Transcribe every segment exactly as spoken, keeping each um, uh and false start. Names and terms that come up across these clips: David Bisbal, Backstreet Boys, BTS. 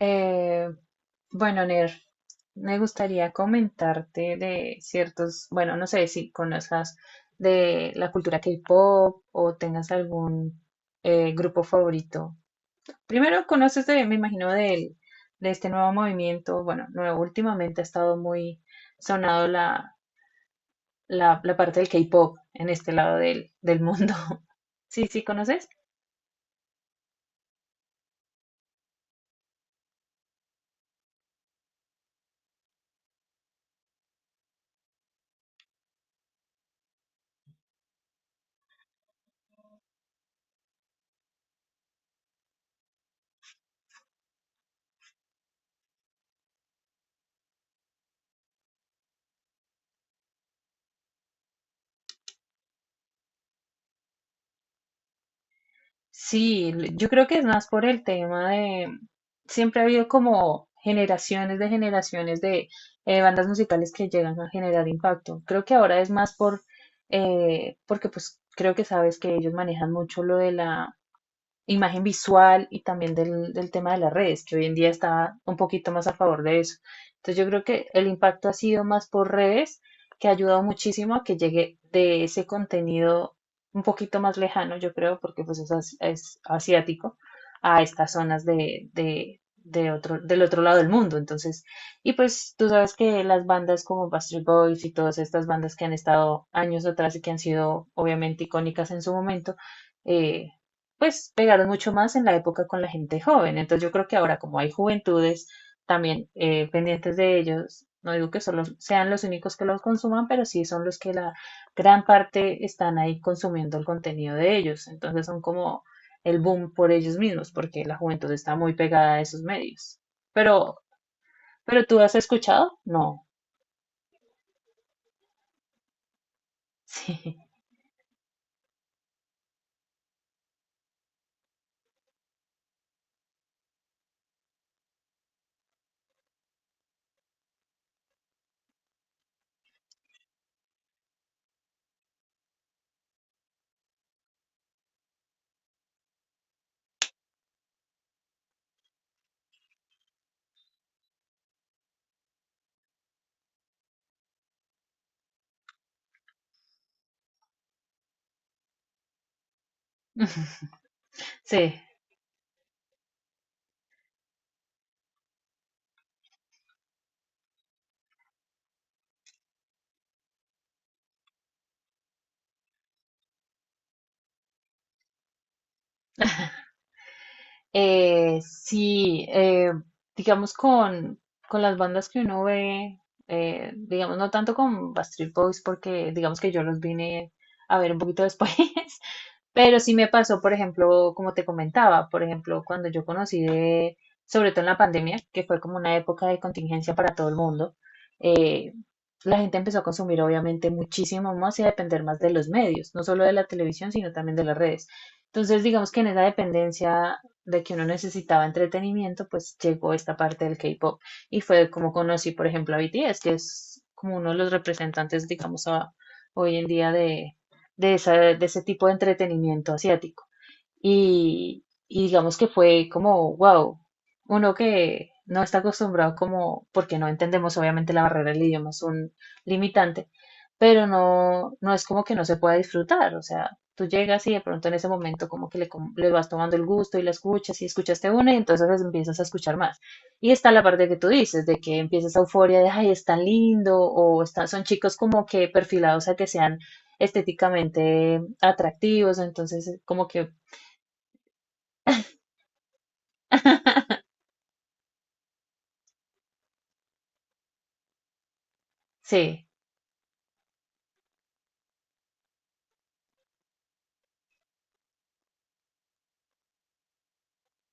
Eh, bueno, Ner, me gustaría comentarte de ciertos, bueno, no sé si conozcas de la cultura K-pop o tengas algún eh, grupo favorito. Primero, conoces de, me imagino, del- de este nuevo movimiento. Bueno, nuevo, últimamente ha estado muy sonado la, la, la parte del K-pop en este lado del, del mundo. Sí, sí, ¿conoces? Sí, l- yo creo que es más por el tema de, siempre ha habido como generaciones de generaciones de eh, bandas musicales que llegan a generar impacto. Creo que ahora es más por, eh, porque pues creo que sabes que ellos manejan mucho lo de la imagen visual y también del, del tema de las redes, que hoy en día está un poquito más a favor de eso. Entonces yo creo que el impacto ha sido más por redes, que ha ayudado muchísimo a que llegue de ese contenido un poquito más lejano, yo creo, porque pues es, as- es asiático, a estas zonas de, de, de otro, del otro lado del mundo. Entonces, y pues tú sabes que las bandas como Backstreet Boys y todas estas bandas que han estado años atrás y que han sido obviamente icónicas en su momento, eh, pues pegaron mucho más en la época con la gente joven. Entonces yo creo que ahora como hay juventudes también eh, pendientes de ellos, no digo que solo sean los únicos que los consuman, pero sí son los que la gran parte están ahí consumiendo el contenido de ellos. Entonces son como el boom por ellos mismos, porque la juventud está muy pegada a esos medios. Pero, pero tú has escuchado? No. Sí. Sí. Eh, sí, eh, digamos con, con las bandas que uno ve, eh, digamos no tanto con Backstreet Boys porque digamos que yo los vine a ver un poquito después, pero sí me pasó, por ejemplo, como te comentaba, por ejemplo, cuando yo conocí de, sobre todo en la pandemia, que fue como una época de contingencia para todo el mundo, eh, la gente empezó a consumir obviamente muchísimo más y a depender más de los medios, no solo de la televisión, sino también de las redes. Entonces, digamos que en esa dependencia de que uno necesitaba entretenimiento, pues llegó esta parte del K-pop y fue como conocí, por ejemplo, a B T S, que es como uno de los representantes, digamos, a- hoy en día de, de, esa- de ese tipo de entretenimiento asiático. Y, y digamos que fue como, wow, uno que no está acostumbrado como, porque no entendemos, obviamente la barrera del idioma es un limitante, pero no, no es como que no se pueda disfrutar, o sea, tú llegas y de pronto en ese momento como que le, com- le vas tomando el gusto y la escuchas y escuchaste una y entonces empiezas a escuchar más. Y está la parte que tú dices, de que empiezas a euforia de, ay, es tan lindo, o están, son chicos como que perfilados a que sean estéticamente atractivos, entonces como que Sí,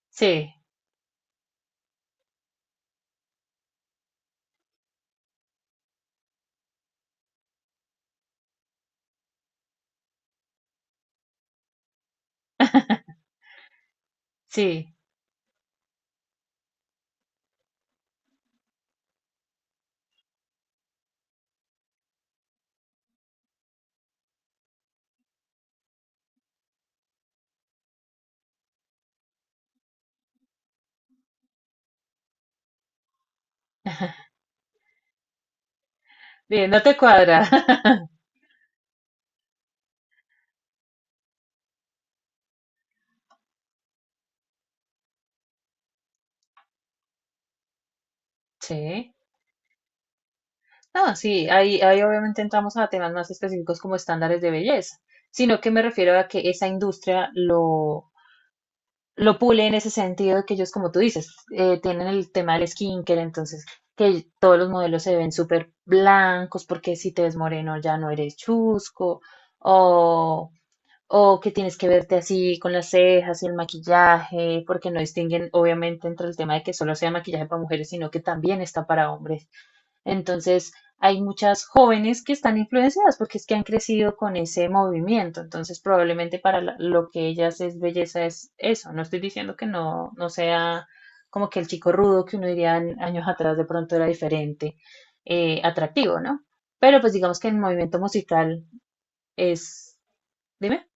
sí, sí. Bien, no te cuadra. Sí. No, sí, ahí, ahí obviamente entramos a temas más específicos como estándares de belleza, sino que me refiero a que esa industria lo, lo pule en ese sentido de que ellos, como tú dices, eh, tienen el tema del skincare, entonces que todos los modelos se ven súper blancos porque si te ves moreno ya no eres chusco, o O que tienes que verte así con las cejas y el maquillaje, porque no distinguen obviamente entre el tema de que solo sea maquillaje para mujeres, sino que también está para hombres. Entonces, hay muchas jóvenes que están influenciadas porque es que han crecido con ese movimiento. Entonces, probablemente para la- lo que ellas es belleza es eso. No estoy diciendo que no, no sea como que el chico rudo que uno diría an- años atrás de pronto era diferente, eh, atractivo, ¿no? Pero pues digamos que el movimiento musical es... Dime.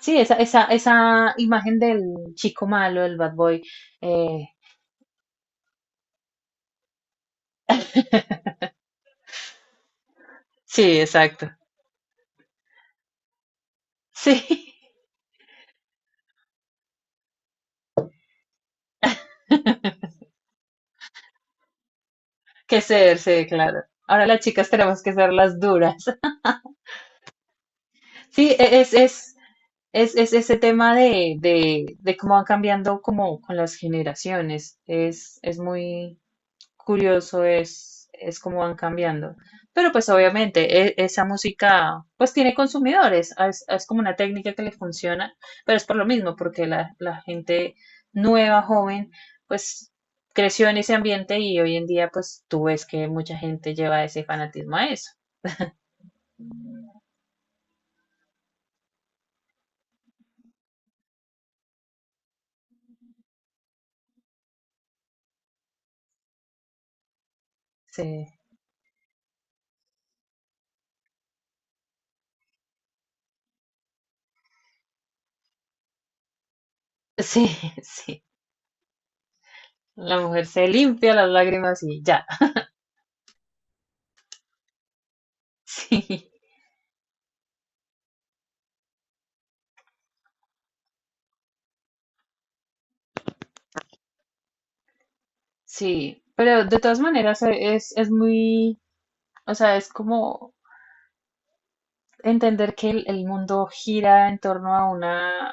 Sí, esa, esa, esa imagen del chico malo, el bad boy. eh, sí, exacto. Sí, que ser, sí, claro. Ahora las chicas tenemos que ser las duras. Sí, e- es, es, es, es ese tema de, de, de cómo van cambiando como con las generaciones. Es, es muy, curioso es, es cómo van cambiando. Pero pues obviamente e- esa música pues tiene consumidores, es, es como una técnica que le funciona, pero es por lo mismo, porque la, la gente nueva, joven, pues creció en ese ambiente y hoy en día pues tú ves que mucha gente lleva ese fanatismo a eso. Sí, sí, sí. La mujer se limpia las lágrimas y ya. Sí, sí. Pero de todas maneras eh, es, es muy, o sea, es como entender que el, el mundo gira en torno a una,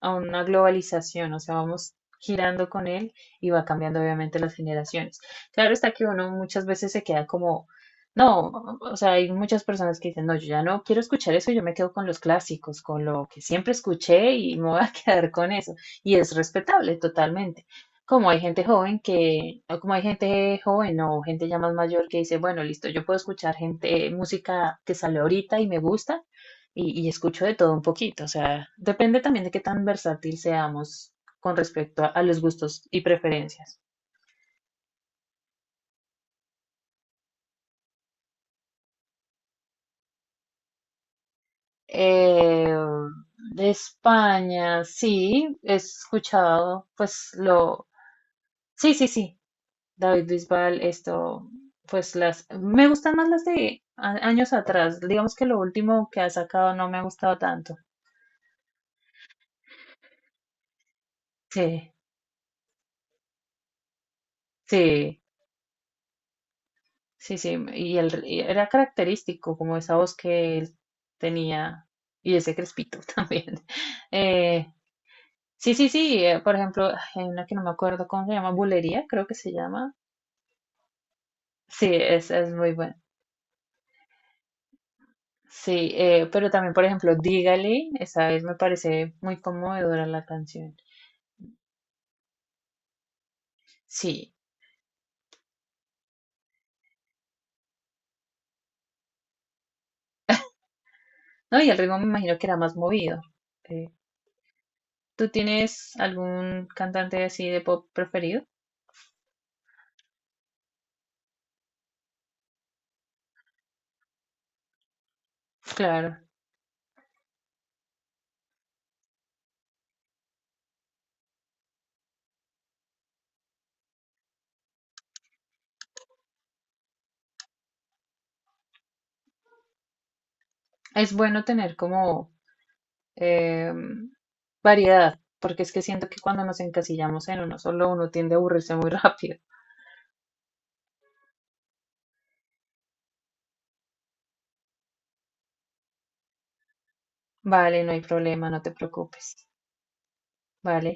a una globalización, o sea, vamos girando con él y va cambiando obviamente las generaciones. Claro está que uno muchas veces se queda como, no, o sea, hay muchas personas que dicen, no, yo ya no quiero escuchar eso, yo me quedo con los clásicos, con lo que siempre escuché y me voy a quedar con eso. Y es respetable totalmente. Como hay gente joven que, o como hay gente joven o gente ya más mayor que dice, bueno, listo, yo puedo escuchar gente, música que sale ahorita y me gusta, y, y escucho de todo un poquito, o sea, depende también de qué tan versátil seamos con respecto a, a los gustos y preferencias. Eh, de España, sí, he escuchado, pues lo, sí, sí, sí, David Bisbal, esto, pues las, me gustan más las de a- años atrás, digamos que lo último que ha sacado no me ha gustado tanto. Sí, sí. Sí, sí, y, el, y era característico como esa voz que él tenía y ese crespito también. Eh, sí, sí, sí, eh, por ejemplo, ay, hay una que no me acuerdo cómo se llama, Bulería, creo que se llama. Sí, es, es muy buena. Sí, eh, pero también, por ejemplo, Dígale, esa vez me parece muy conmovedora la canción. Sí, no, y el ritmo me imagino que era más movido. Eh, ¿tú tienes algún cantante así de pop preferido? Claro, es bueno tener como eh, variedad, porque es que siento que cuando nos encasillamos en uno solo, uno tiende a aburrirse muy rápido. Vale, no hay problema, no te preocupes. Vale.